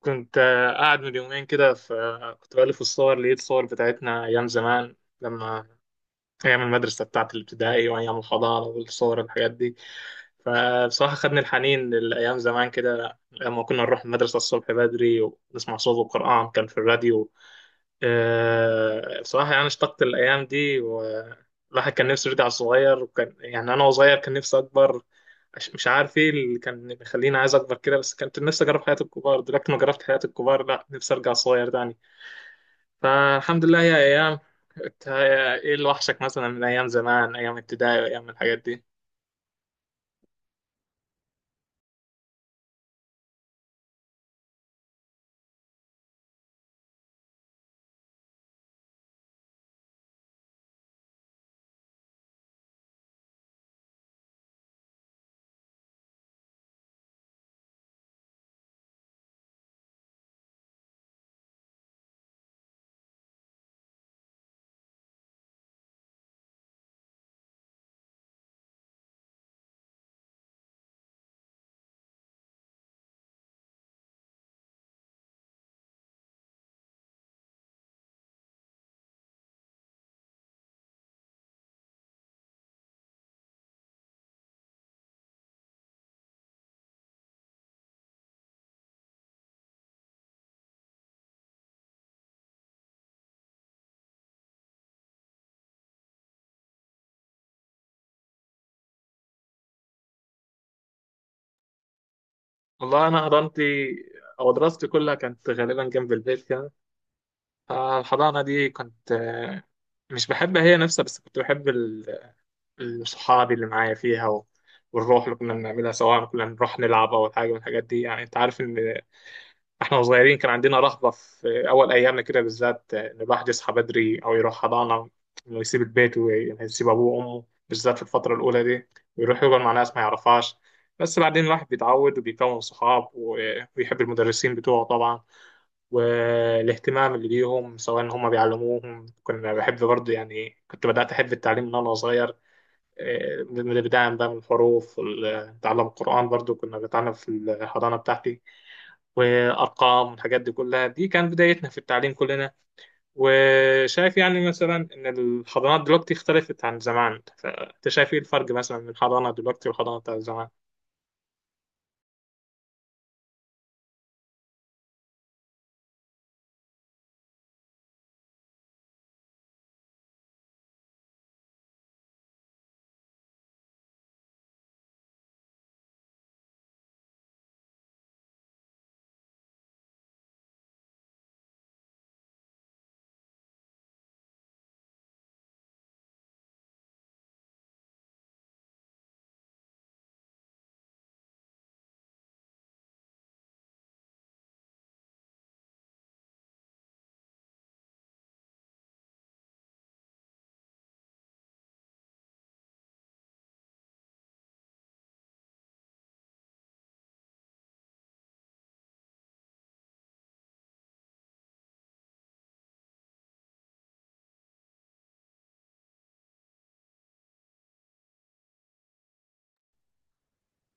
كنت قاعد من يومين كده، فكنت بألف الصور، لقيت صور بتاعتنا أيام زمان لما أيام المدرسة بتاعت الابتدائي وأيام الحضانة والصور الحاجات دي. فبصراحة خدني الحنين لأيام زمان كده لما كنا نروح المدرسة الصبح بدري ونسمع صوت القرآن كان في الراديو. بصراحة يعني اشتقت الأيام دي، والواحد كان نفسه يرجع صغير، وكان يعني أنا وصغير كان نفسي أكبر. مش عارف إيه اللي كان بيخليني عايز أكبر كده، بس كنت نفسي أجرب حياة الكبار. دلوقتي ما جربت حياة الكبار، لا نفسي أرجع صغير تاني. فالحمد لله، هي أيام. إنت إيه اللي وحشك مثلا من أيام زمان، أيام ابتدائي وأيام الحاجات دي؟ والله أنا حضانتي أو دراستي كلها كانت غالبا جنب البيت كده. فالحضانة دي كنت مش بحبها هي نفسها، بس كنت بحب صحابي اللي معايا فيها والروح اللي كنا بنعملها، سواء كنا بنروح نلعب أو حاجة من الحاجات دي. يعني أنت عارف إن إحنا صغيرين كان عندنا رهبة في أول أيامنا كده، بالذات إن الواحد يصحى بدري أو يروح حضانة، إنه يسيب البيت ويسيب أبوه وأمه بالذات في الفترة الأولى دي، ويروح يقعد مع ناس ما يعرفهاش. بس بعدين الواحد بيتعود، وبيكون صحاب ويحب المدرسين بتوعه طبعا، والاهتمام اللي بيهم سواء هم بيعلموهم، كنا بحب برضه. يعني كنت بدأت أحب التعليم من وأنا صغير، اللي بيتعلم بقى من الحروف وتعلم القرآن. برضو كنا بنتعلم في الحضانة بتاعتي وأرقام والحاجات دي كلها، دي كانت بدايتنا في التعليم كلنا. وشايف يعني مثلا إن الحضانات دلوقتي اختلفت عن زمان، فأنت شايف إيه الفرق مثلا من الحضانة دلوقتي والحضانة بتاعت زمان؟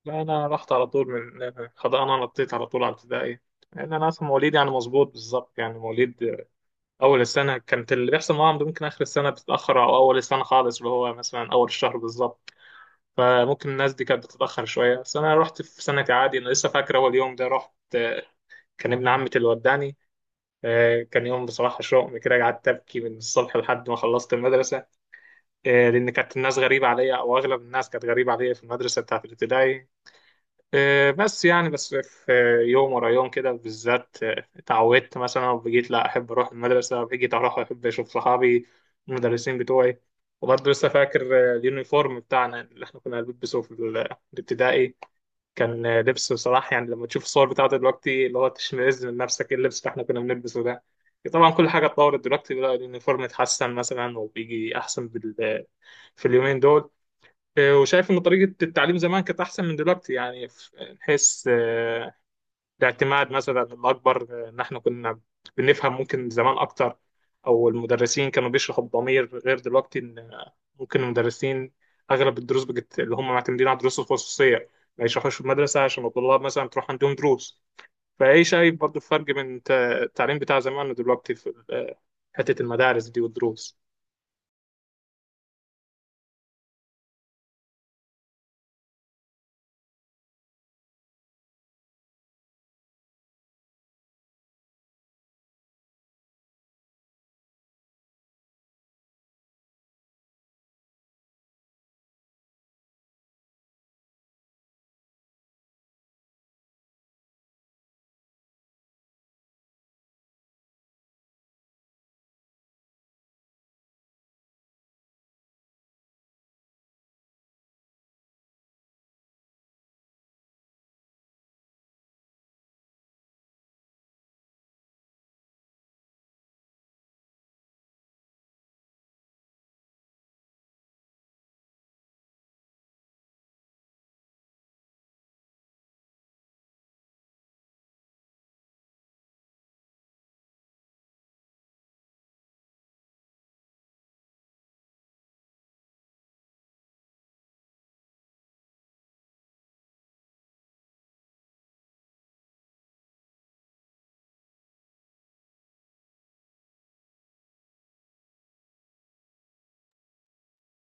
لا، أنا رحت على طول من الحضانة، نطيت على طول على ابتدائي، لأن أنا أصلا مواليد يعني مظبوط بالظبط، يعني مواليد أول السنة. كانت اللي بيحصل معاهم ده ممكن آخر السنة بتتأخر، أو أول السنة خالص اللي هو مثلا أول الشهر بالظبط، فممكن الناس دي كانت بتتأخر شوية. بس أنا رحت في سنتي عادي. أنا لسه فاكر أول يوم ده، رحت كان ابن عمتي اللي وداني. كان يوم بصراحة شوق كده، قعدت أبكي من الصبح لحد ما خلصت المدرسة. لأن كانت الناس غريبة عليا، أو أغلب الناس كانت غريبة عليا في المدرسة بتاعت الابتدائي. بس يعني بس في يوم ورا يوم كده بالذات اتعودت مثلا، وبقيت لا أحب أروح المدرسة، بقيت أروح أحب أشوف صحابي، المدرسين بتوعي. وبرضه لسه فاكر اليونيفورم بتاعنا اللي احنا كنا بنلبسه في الابتدائي. كان لبسه صراحة يعني لما تشوف الصور بتاعته دلوقتي، اللي هو تشمئز من نفسك ايه اللبس اللي احنا كنا بنلبسه ده. طبعا كل حاجة اتطورت دلوقتي، بقى اليونيفورم اتحسن مثلا، وبيجي أحسن في اليومين دول. وشايف إن طريقة التعليم زمان كانت أحسن من دلوقتي، يعني نحس الاعتماد مثلا الأكبر إن إحنا كنا بنفهم ممكن زمان أكتر، أو المدرسين كانوا بيشرحوا بضمير غير دلوقتي، إن ممكن المدرسين أغلب الدروس بجت اللي هم معتمدين على الدروس الخصوصية، ما يشرحوش في المدرسة عشان الطلاب مثلا تروح عندهم دروس. فإيه شايف برضو الفرق بين التعليم بتاع زمان ودلوقتي في حتة المدارس دي والدروس؟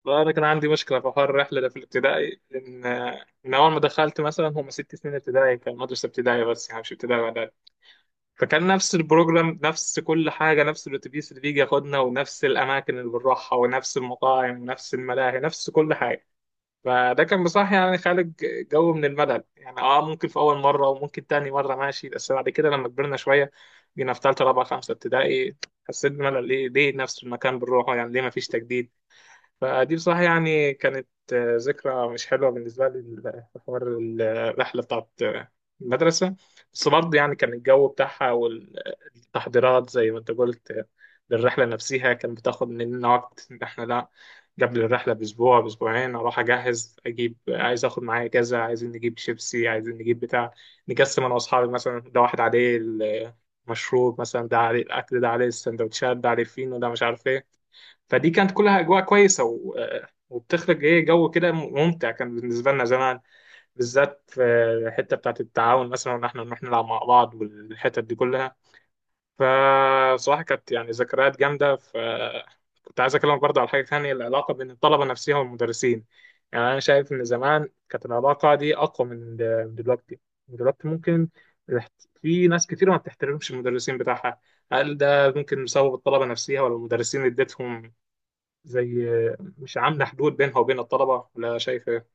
فأنا كان عندي مشكلة في حوار الرحلة ده في الابتدائي، إن من أول ما دخلت مثلا، هم 6 سنين ابتدائي، كان مدرسة ابتدائية بس يعني مش ابتدائي، فكان نفس البروجرام، نفس كل حاجة، نفس الأتوبيس اللي بيجي ياخدنا، ونفس الأماكن اللي بنروحها، ونفس المطاعم، ونفس الملاهي، نفس كل حاجة. فده كان بصراحة يعني خالق جو من الملل. يعني اه ممكن في أول مرة، وممكن تاني مرة ماشي، بس بعد كده لما كبرنا شوية، جينا في تالتة رابعة خمسة ابتدائي، حسيت بملل. ليه نفس المكان بنروحه؟ يعني ليه مفيش تجديد؟ فدي بصراحة يعني كانت ذكرى مش حلوة بالنسبة لي، حوار الرحلة بتاعت المدرسة. بس برضه يعني كان الجو بتاعها والتحضيرات زي ما انت قلت للرحلة نفسها كان بتاخد مننا وقت، ان احنا لا، قبل الرحلة بأسبوع بأسبوعين أروح أجهز، أجيب عايز آخد معايا كذا، عايزين نجيب شيبسي، عايزين نجيب بتاع. نقسم أنا وأصحابي مثلا، ده واحد عليه المشروب مثلا، ده عليه الأكل، ده عليه السندوتشات، ده عليه الفينو، ده مش عارف إيه. فدي كانت كلها اجواء كويسه وبتخرج ايه جو كده ممتع، كان بالنسبه لنا زمان، بالذات في الحته بتاعت التعاون مثلا، وان احنا نروح نلعب مع بعض، والحتت دي كلها. فصراحه كانت يعني ذكريات جامده. كنت عايز اكلمك برضه على حاجه ثانيه، العلاقه بين الطلبه نفسها والمدرسين. يعني انا شايف ان زمان كانت العلاقه دي اقوى من دلوقتي. دلوقتي ممكن في ناس كتير ما بتحترمش المدرسين بتاعها. هل ده ممكن بسبب الطلبه نفسها، ولا المدرسين اديتهم زي مش عاملة حدود بينها وبين الطلبة؟ ولا شايف ايه؟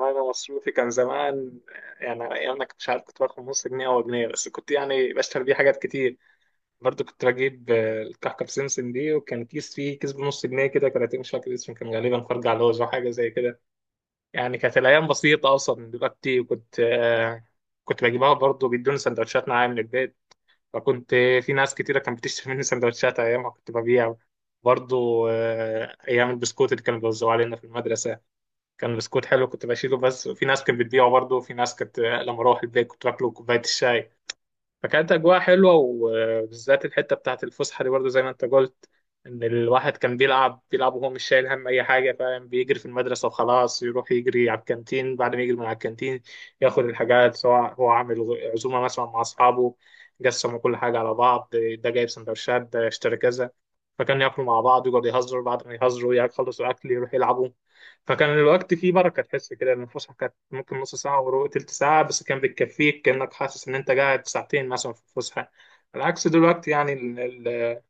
أنا مصروفي كان زمان، يعني أنا أيام ما كنت مش عارف، كنت باخد نص جنيه أو جنيه، بس كنت يعني بشتري بيه حاجات كتير. برضو كنت بجيب الكحكة بسمسم دي، وكان كيس فيه، كيس بنص جنيه كده، كراتين مش فاكر اسمه، كان غالبا فرج على لوز أو حاجة زي كده. يعني كانت الأيام بسيطة أصلا من دلوقتي، وكنت كنت بجيبها. برضو بيدوني سندوتشات معايا من البيت، فكنت في ناس كتيرة كانت بتشتري مني سندوتشات أيام ما كنت ببيع. برضو أيام البسكوت اللي كانوا بيوزعوه علينا في المدرسة، كان بسكوت حلو كنت بشيله، بس في ناس كانت بتبيعه. برضو في ناس كانت لما أروح البيت كنت باكله كوباية الشاي. فكانت أجواء حلوة، وبالذات الحتة بتاعة الفسحة دي برضه زي ما أنت قلت، إن الواحد كان بيلعب بيلعب وهو مش شايل هم أي حاجة، فاهم، بيجري في المدرسة وخلاص، يروح يجري على الكانتين. بعد ما يجري من على الكانتين ياخد الحاجات، سواء هو عامل عزومة مثلا مع أصحابه، قسموا كل حاجة على بعض، ده جايب سندوتشات، ده اشترى كذا، فكانوا ياكلوا مع بعض ويقعدوا يهزروا، بعد ما يهزروا يخلصوا أكل يروحوا يلعبوا. فكان الوقت فيه بركة، تحس كده إن الفسحة كانت ممكن نص ساعة وربع تلت ساعة، بس كان بتكفيك، كأنك حاسس إن أنت قاعد ساعتين مثلا في الفسحة. على عكس دلوقتي، يعني ال ال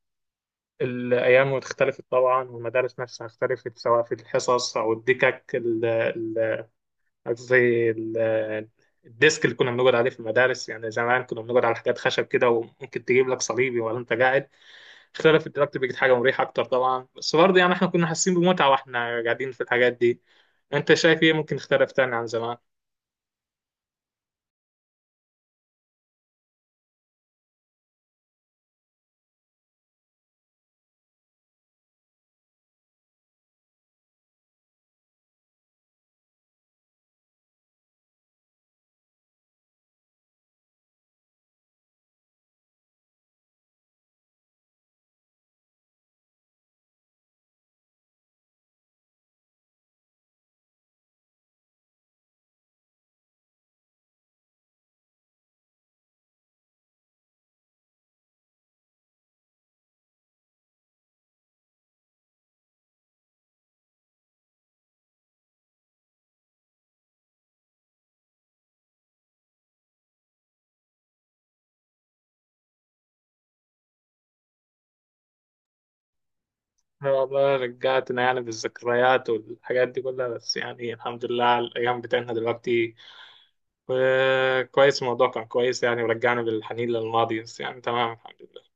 الأيام اختلفت طبعا، والمدارس نفسها اختلفت، سواء في الحصص أو الدكك قصدي الديسك اللي كنا بنقعد عليه في المدارس. يعني زمان كنا بنقعد على حاجات خشب كده، وممكن تجيب لك صليبي ولا أنت قاعد. اختلف الدلوقتي، بقت حاجة مريحة أكتر طبعا، بس برضه يعني إحنا كنا حاسين بمتعة وإحنا قاعدين في الحاجات دي. أنت شايف إيه ممكن اختلف تاني عن زمان؟ أنا والله رجعتنا يعني بالذكريات والحاجات دي كلها، بس يعني الحمد لله على الأيام بتاعتنا دلوقتي. وكويس، الموضوع كان كويس، يعني ورجعنا بالحنين للماضي، بس يعني تمام الحمد لله.